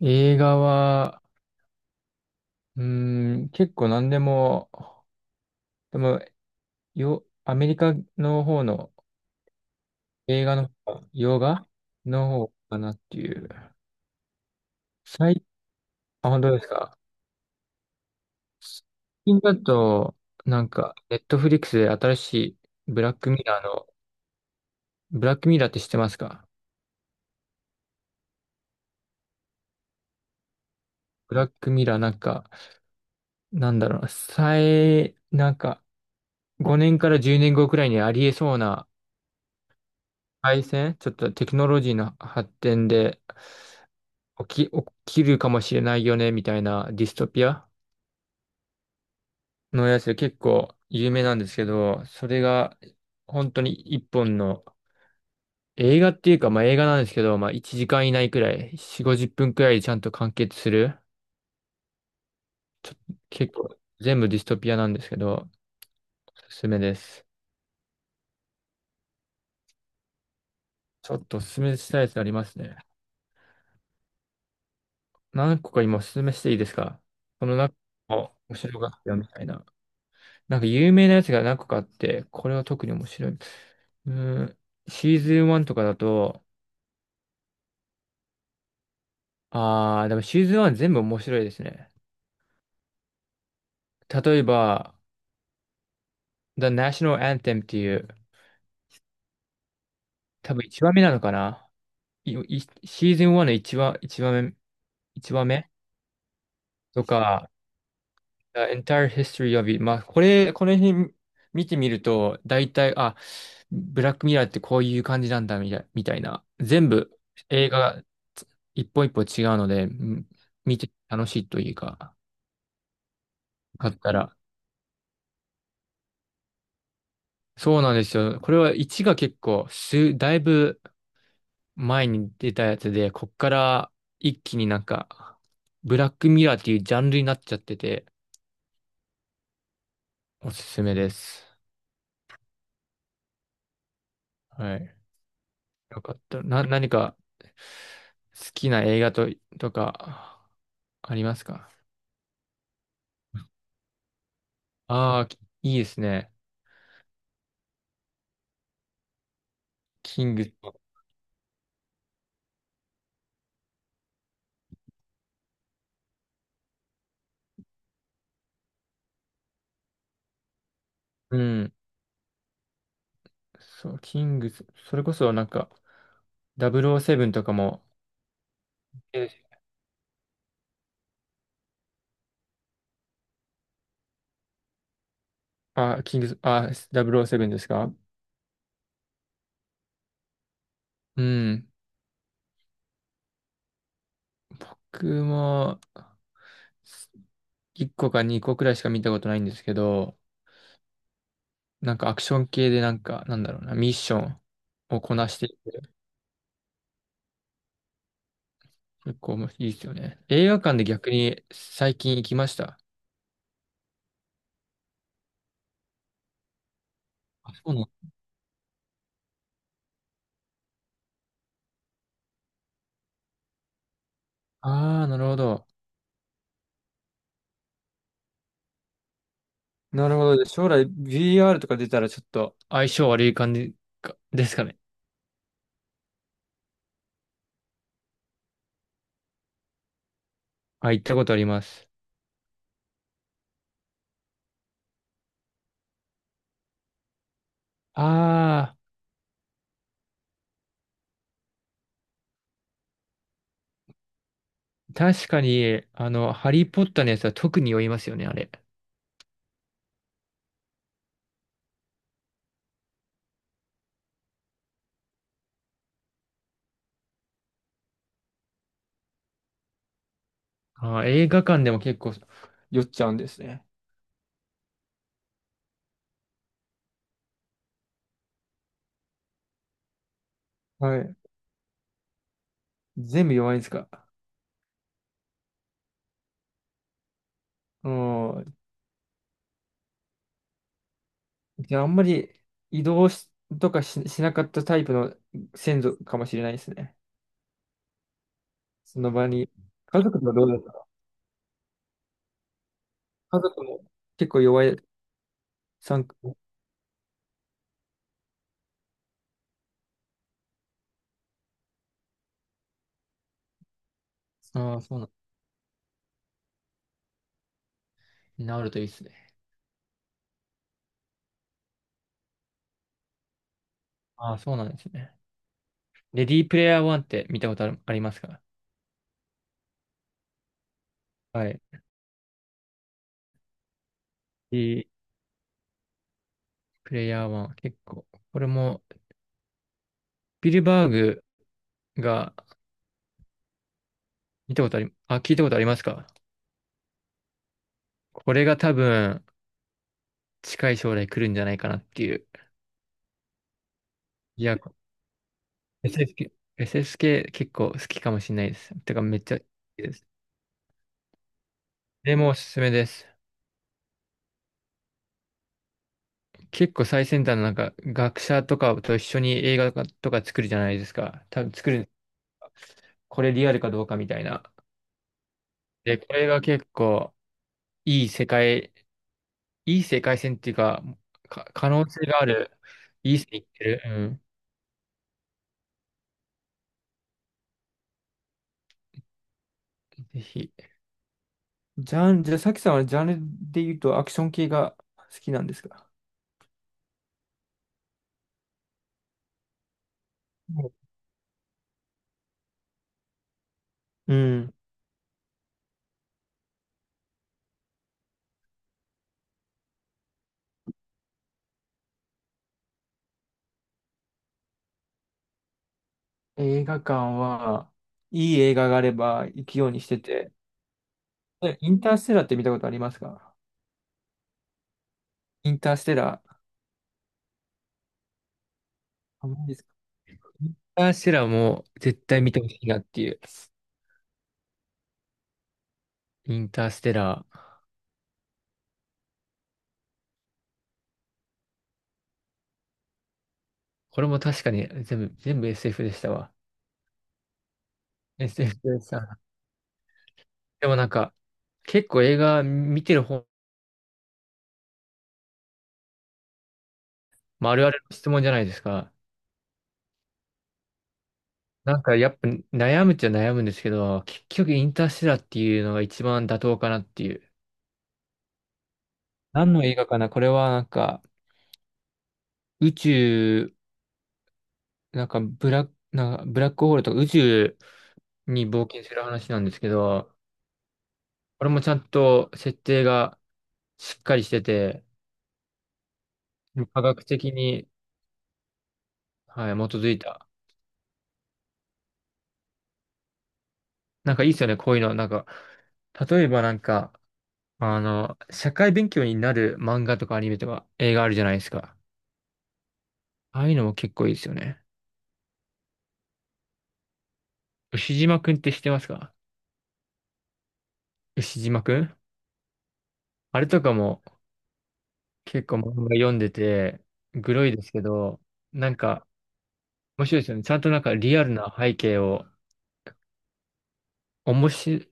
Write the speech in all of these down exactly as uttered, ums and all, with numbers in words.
映画は、うーん、結構何でも、でも、よ、アメリカの方の映画の方が、洋画の方かなっていう。最、あ、本当ですか？最近だと、なんか、ネットフリックスで新しいブラックミラーの、ブラックミラーって知ってますか？ブラックミラーなんか、なんだろうな、最、なんか、ごねんからじゅうねんごくらいにありえそうな、回線、ちょっとテクノロジーの発展で、起き、起きるかもしれないよね、みたいなディストピアのやつで結構有名なんですけど、それが本当に一本の映画っていうか、まあ映画なんですけど、まあいちじかん以内くらい、よんじゅう、ごじゅっぷんくらいでちゃんと完結する。ちょ、結構全部ディストピアなんですけど、おすすめです。ちょっとおすすめしたいやつありますね。何個か今おすすめしていいですか？この中も面白かったよみたいな。なんか有名なやつが何個かあって、これは特に面白い。うーん、シーズンワンとかだと、あー、でもシーズンワン全部面白いですね。例えば、The National Anthem っていう、多分いちわめなのかな。いいシーズンワンのいちわ、いちわめ、いちわめとか、The entire history of it。まあ、これ、この辺見てみると、大体、あ、ブラックミラーってこういう感じなんだ、みたいみたいな。全部映画がつ一本一本違うので、うん、見て楽しいというか、かったら。そうなんですよ。これはワンが結構、す、だいぶ前に出たやつで、こっから一気になんか、ブラックミラーっていうジャンルになっちゃってて、おすすめです。はい。よかった。な、何か好きな映画と、とかありますか？ああー、いいですね。キングス。うん。そう、キングス。それこそなんか、ダブルオーセブンとかも、えあ、キングス、あ、ゼロゼロセブンですか？うん。僕も、すいっこかにこくらいしか見たことないんですけど、なんかアクション系でなんか、なんだろうな、ミッションをこなしていく結構もいいですよね。映画館で逆に最近行きました。あ、そうなの。ああ、なるほど。なるほど。将来 ブイアール とか出たらちょっと、相性悪い感じかですかね。あ、行ったことあります。ああ、確かに、あの、ハリー・ポッターのやつは特に酔いますよね、あれ。あー、映画館でも結構、酔っちゃうんですね。はい。全部弱いんですか？うん。じゃあ、あんまり移動しとかし、しなかったタイプの先祖かもしれないですね。その場に。家族とはどうだった？家族も結構弱い参加。ああ、そうなん。なるといいですね。ああ、そうなんですね。レディープレイヤーワンって見たことある、ありますか？はい。レディープレイヤーワン、結構。これも、スピルバーグが見たことあり、あ、聞いたことありますか？これが多分、近い将来来るんじゃないかなっていう。いや、エスエスケー、エスエスケー 結構好きかもしれないです。てか、めっちゃ好きです。でもおすすめです。結構最先端のなんか学者とかと一緒に映画とかとか作るじゃないですか。多分作る、これリアルかどうかみたいな。で、これが結構いい世界、いい世界線っていうか、か可能性がある、いい線いってる。うん。ぜひ。ジャン、じゃあ、さきさんはジャンルで言うとアクション系が好きなんですか？うん。映画館は、いい映画があれば行くようにしてて。えインターステラーって見たことありますか？インターステラー。あ、インターステラーも絶対見てほしいなっていう。インターステラー。これも確かに全部、全部 エスエフ でしたわ。エスエフ でさでもなんか、結構映画見てる方、まあ、あるあるの質問じゃないですか。なんかやっぱ悩むっちゃ悩むんですけど、結局インターステラーっていうのが一番妥当かなっていう。何の映画かな、これはなんか、宇宙、なんかブラック、なんかブラックホールとか宇宙に冒険する話なんですけど、これもちゃんと設定がしっかりしてて、科学的に、はい、基づいた。なんかいいですよね、こういうの。なんか、例えばなんか、あの、社会勉強になる漫画とかアニメとか映画あるじゃないですか。ああいうのも結構いいですよね。牛島くんって知ってますか？牛島くん、あれとかも結構漫画読んでて、グロいですけど、なんか面白いですよね。ちゃんとなんかリアルな背景を、面白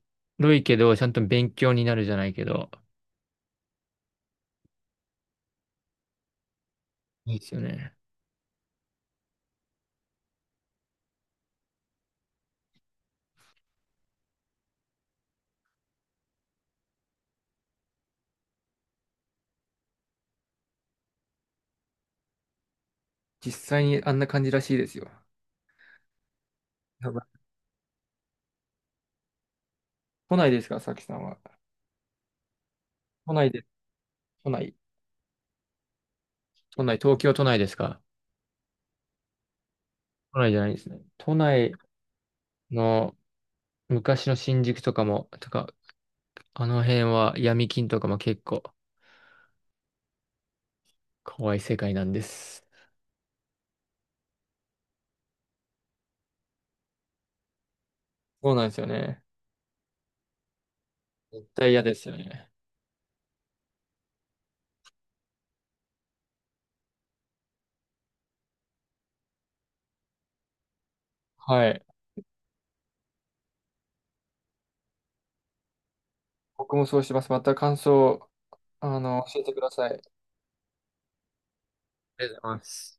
いけど、ちゃんと勉強になるじゃないけど、いいですよね。実際にあんな感じらしいですよ。やばい。都内ですか、さきさんは。都内で、都内。都内、東京都内ですか？都内じゃないですね。都内の昔の新宿とかも、とか、あの辺は闇金とかも結構怖い世界なんです。そうなんですよね。絶対嫌ですよね。はい。僕もそうしてます。また感想、あの、教えてください。ありがとうございます。